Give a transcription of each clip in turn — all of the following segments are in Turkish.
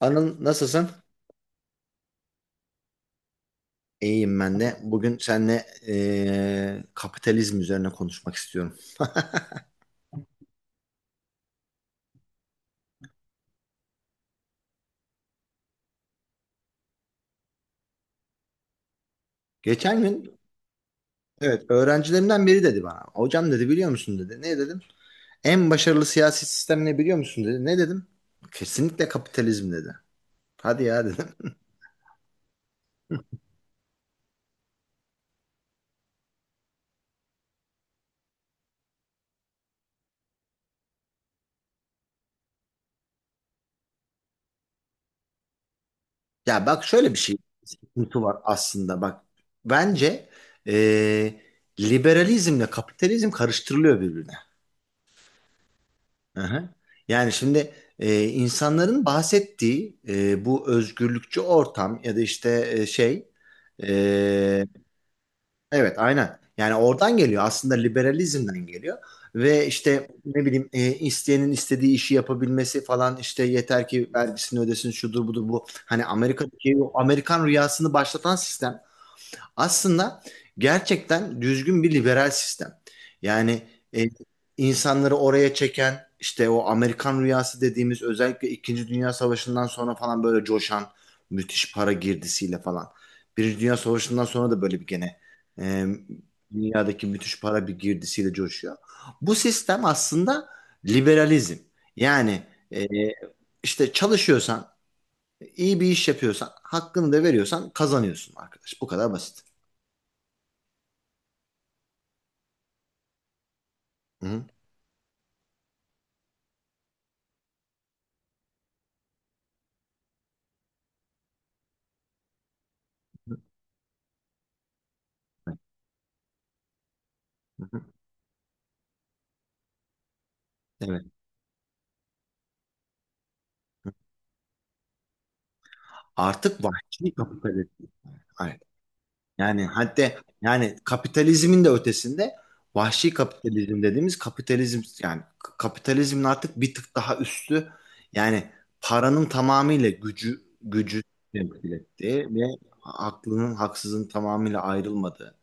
Anıl nasılsın? İyiyim ben de. Bugün seninle kapitalizm üzerine konuşmak istiyorum. Geçen gün, evet, öğrencilerimden biri dedi bana. Hocam dedi, biliyor musun dedi. Ne dedim? En başarılı siyasi sistem ne biliyor musun dedi. Ne dedim? Kesinlikle kapitalizm dedi. Hadi ya dedim. Ya bak şöyle bir şey, sıkıntı var aslında, bak. Bence eee liberalizmle kapitalizm karıştırılıyor birbirine. Aha. Yani şimdi insanların bahsettiği bu özgürlükçü ortam ya da işte e, evet, aynen, yani oradan geliyor aslında, liberalizmden geliyor ve işte ne bileyim isteyenin istediği işi yapabilmesi falan, işte yeter ki vergisini ödesin, şudur budur, bu hani Amerika'daki o Amerikan rüyasını başlatan sistem aslında gerçekten düzgün bir liberal sistem. Yani e, insanları oraya çeken işte o Amerikan rüyası dediğimiz, özellikle İkinci Dünya Savaşı'ndan sonra falan böyle coşan müthiş para girdisiyle falan. Birinci Dünya Savaşı'ndan sonra da böyle bir gene e, dünyadaki müthiş para bir girdisiyle coşuyor. Bu sistem aslında liberalizm. Yani e, işte çalışıyorsan, iyi bir iş yapıyorsan, hakkını da veriyorsan kazanıyorsun arkadaş. Bu kadar basit. Hı. Evet. Artık vahşi kapitalizm. Aynen. Yani hatta, yani kapitalizmin de ötesinde vahşi kapitalizm dediğimiz kapitalizm, yani kapitalizmin artık bir tık daha üstü, yani paranın tamamıyla gücü temsil ettiği ve aklının haksızın tamamıyla ayrılmadığı.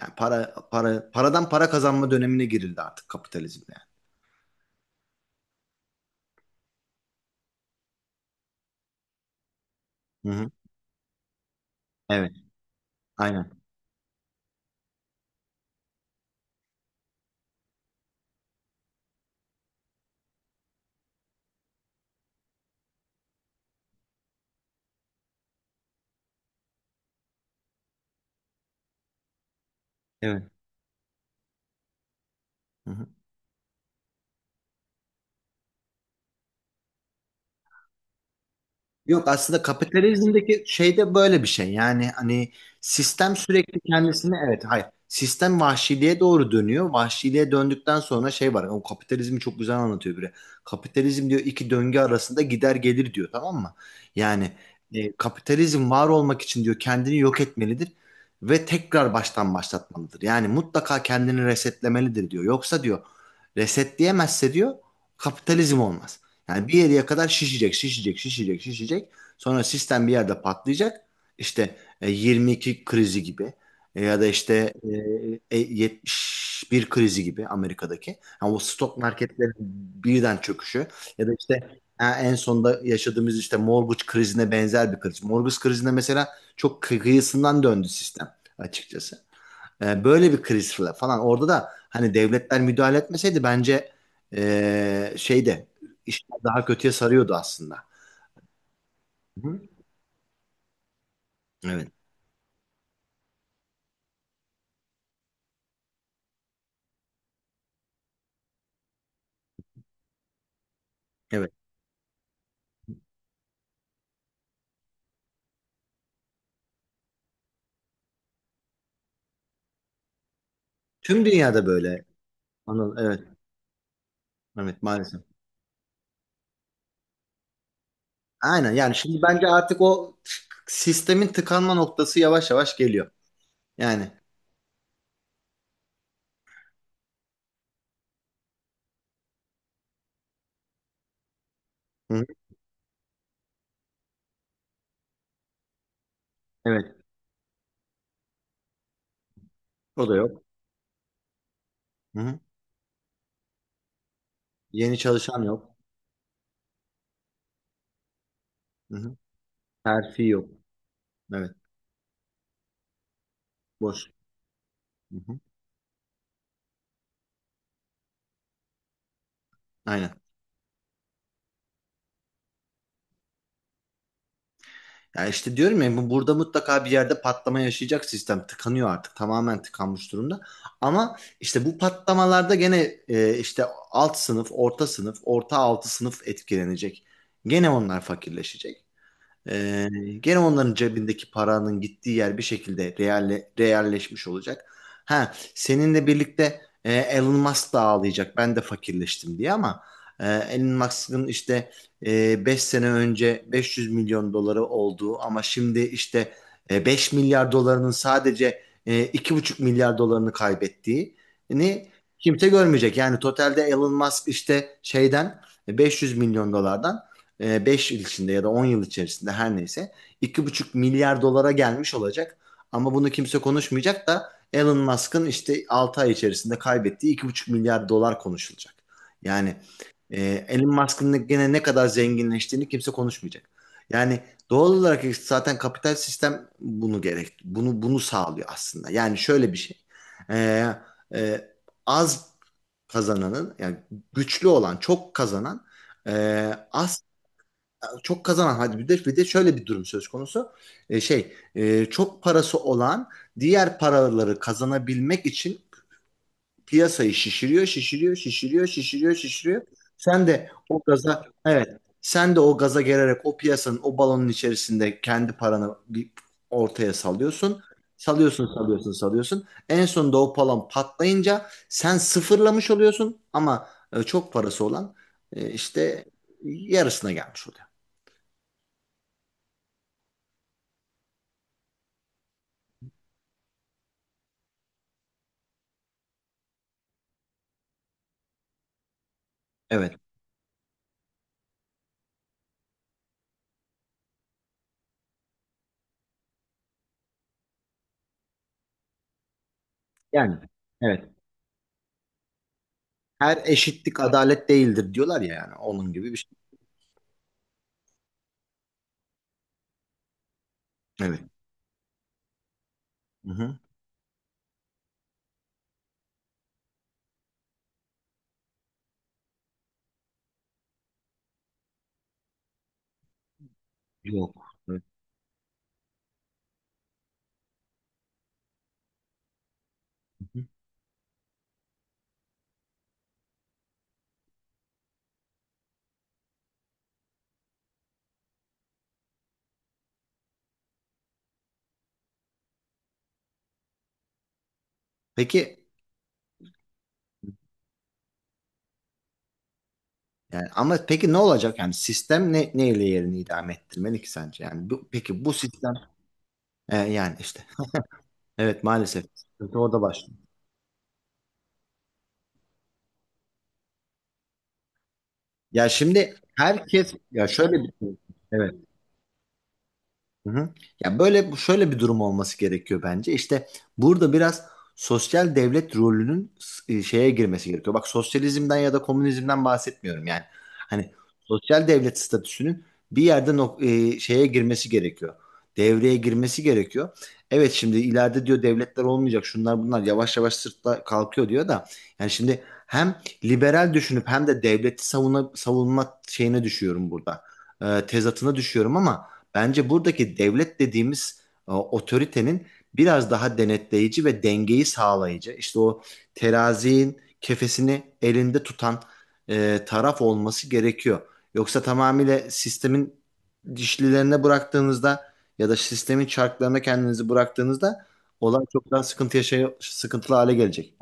Yani paradan para kazanma dönemine girildi artık kapitalizmde. Yani. Hı hı. Evet. Aynen. Evet. Hı hı. Yok, aslında kapitalizmdeki şey de böyle bir şey. Yani hani sistem sürekli kendisini, evet, hayır. Sistem vahşiliğe doğru dönüyor. Vahşiliğe döndükten sonra şey var. O kapitalizmi çok güzel anlatıyor biri. Kapitalizm diyor iki döngü arasında gider gelir diyor, tamam mı? Yani kapitalizm var olmak için diyor kendini yok etmelidir ve tekrar baştan başlatmalıdır. Yani mutlaka kendini resetlemelidir diyor. Yoksa diyor, resetleyemezse diyor kapitalizm olmaz. Yani bir yere kadar şişecek, şişecek, şişecek, şişecek. Sonra sistem bir yerde patlayacak. İşte 22 krizi gibi. Ya da işte 71 krizi gibi, Amerika'daki. Yani o stok marketlerin birden çöküşü ya da işte en sonda yaşadığımız işte mortgage krizine benzer bir kriz. Mortgage krizinde mesela çok kıyısından döndü sistem açıkçası. Böyle bir krizle falan orada da hani devletler müdahale etmeseydi bence e, şeyde işler daha kötüye sarıyordu aslında. Hı. Evet, evet. Tüm dünyada böyle. Anıl, evet, evet maalesef. Aynen, yani şimdi bence artık o sistemin tıkanma noktası yavaş yavaş geliyor. Yani. Hı hı. Evet, o da yok. Hı hı. Yeni çalışan yok. Hı hı. Terfi yok. Evet, boş. Hı hı. Aynen. Ya işte diyorum ya, burada mutlaka bir yerde patlama yaşayacak sistem. Tıkanıyor artık. Tamamen tıkanmış durumda. Ama işte bu patlamalarda gene işte alt sınıf, orta sınıf, orta altı sınıf etkilenecek. Gene onlar fakirleşecek. Ee, Gene onların cebindeki paranın gittiği yer bir şekilde realleşmiş olacak. Ha, seninle birlikte Elon Musk da ağlayacak. Ben de fakirleştim diye ama e, Elon Musk'ın işte 5 sene önce 500 milyon doları olduğu ama şimdi işte 5 milyar dolarının sadece 2,5 milyar dolarını kaybettiğini kimse görmeyecek. Yani totalde Elon Musk işte 500 milyon dolardan 5 yıl içinde ya da 10 yıl içerisinde her neyse 2,5 milyar dolara gelmiş olacak. Ama bunu kimse konuşmayacak da Elon Musk'ın işte 6 ay içerisinde kaybettiği 2,5 milyar dolar konuşulacak. Yani e, Elon Musk'ın gene ne kadar zenginleştiğini kimse konuşmayacak. Yani doğal olarak işte zaten kapital sistem bunu bunu sağlıyor aslında. Yani şöyle bir şey. E, e, Az kazananın, yani güçlü olan çok kazanan, e, az çok kazanan, hadi bir de şöyle bir durum söz konusu. Çok parası olan diğer paraları kazanabilmek için piyasayı şişiriyor, şişiriyor, şişiriyor, şişiriyor, şişiriyor. Sen de o gaza, evet, sen de o gaza gelerek o piyasanın, o balonun içerisinde kendi paranı bir ortaya salıyorsun. Salıyorsun, salıyorsun, salıyorsun. En sonunda o balon patlayınca sen sıfırlamış oluyorsun, ama çok parası olan işte yarısına gelmiş oluyor. Evet. Yani evet. Her eşitlik adalet değildir diyorlar ya, yani onun gibi bir şey. Evet. Hı hı. Yok. Evet. Hı hı. Peki, yani ama peki ne olacak, yani sistem neyle yerini idame ettirmeli ki sence? Yani bu, peki bu sistem yani işte, evet maalesef sıkıntı orada başlıyor. Ya şimdi herkes, ya şöyle bir şey. Evet. Hı hı. Ya böyle, şöyle bir durum olması gerekiyor bence. İşte burada biraz sosyal devlet rolünün şeye girmesi gerekiyor. Bak sosyalizmden ya da komünizmden bahsetmiyorum yani. Hani sosyal devlet statüsünün bir yerde şeye girmesi gerekiyor. Devreye girmesi gerekiyor. Evet, şimdi ileride diyor devletler olmayacak. Şunlar bunlar yavaş yavaş sırtla kalkıyor diyor da. Yani şimdi hem liberal düşünüp hem de devleti savunma şeyine düşüyorum burada. Tezatına düşüyorum ama bence buradaki devlet dediğimiz otoritenin biraz daha denetleyici ve dengeyi sağlayıcı, işte o terazinin kefesini elinde tutan taraf olması gerekiyor. Yoksa tamamıyla sistemin dişlilerine bıraktığınızda ya da sistemin çarklarına kendinizi bıraktığınızda olay çok daha sıkıntılı hale gelecek.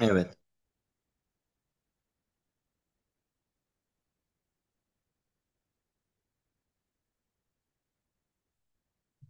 Evet.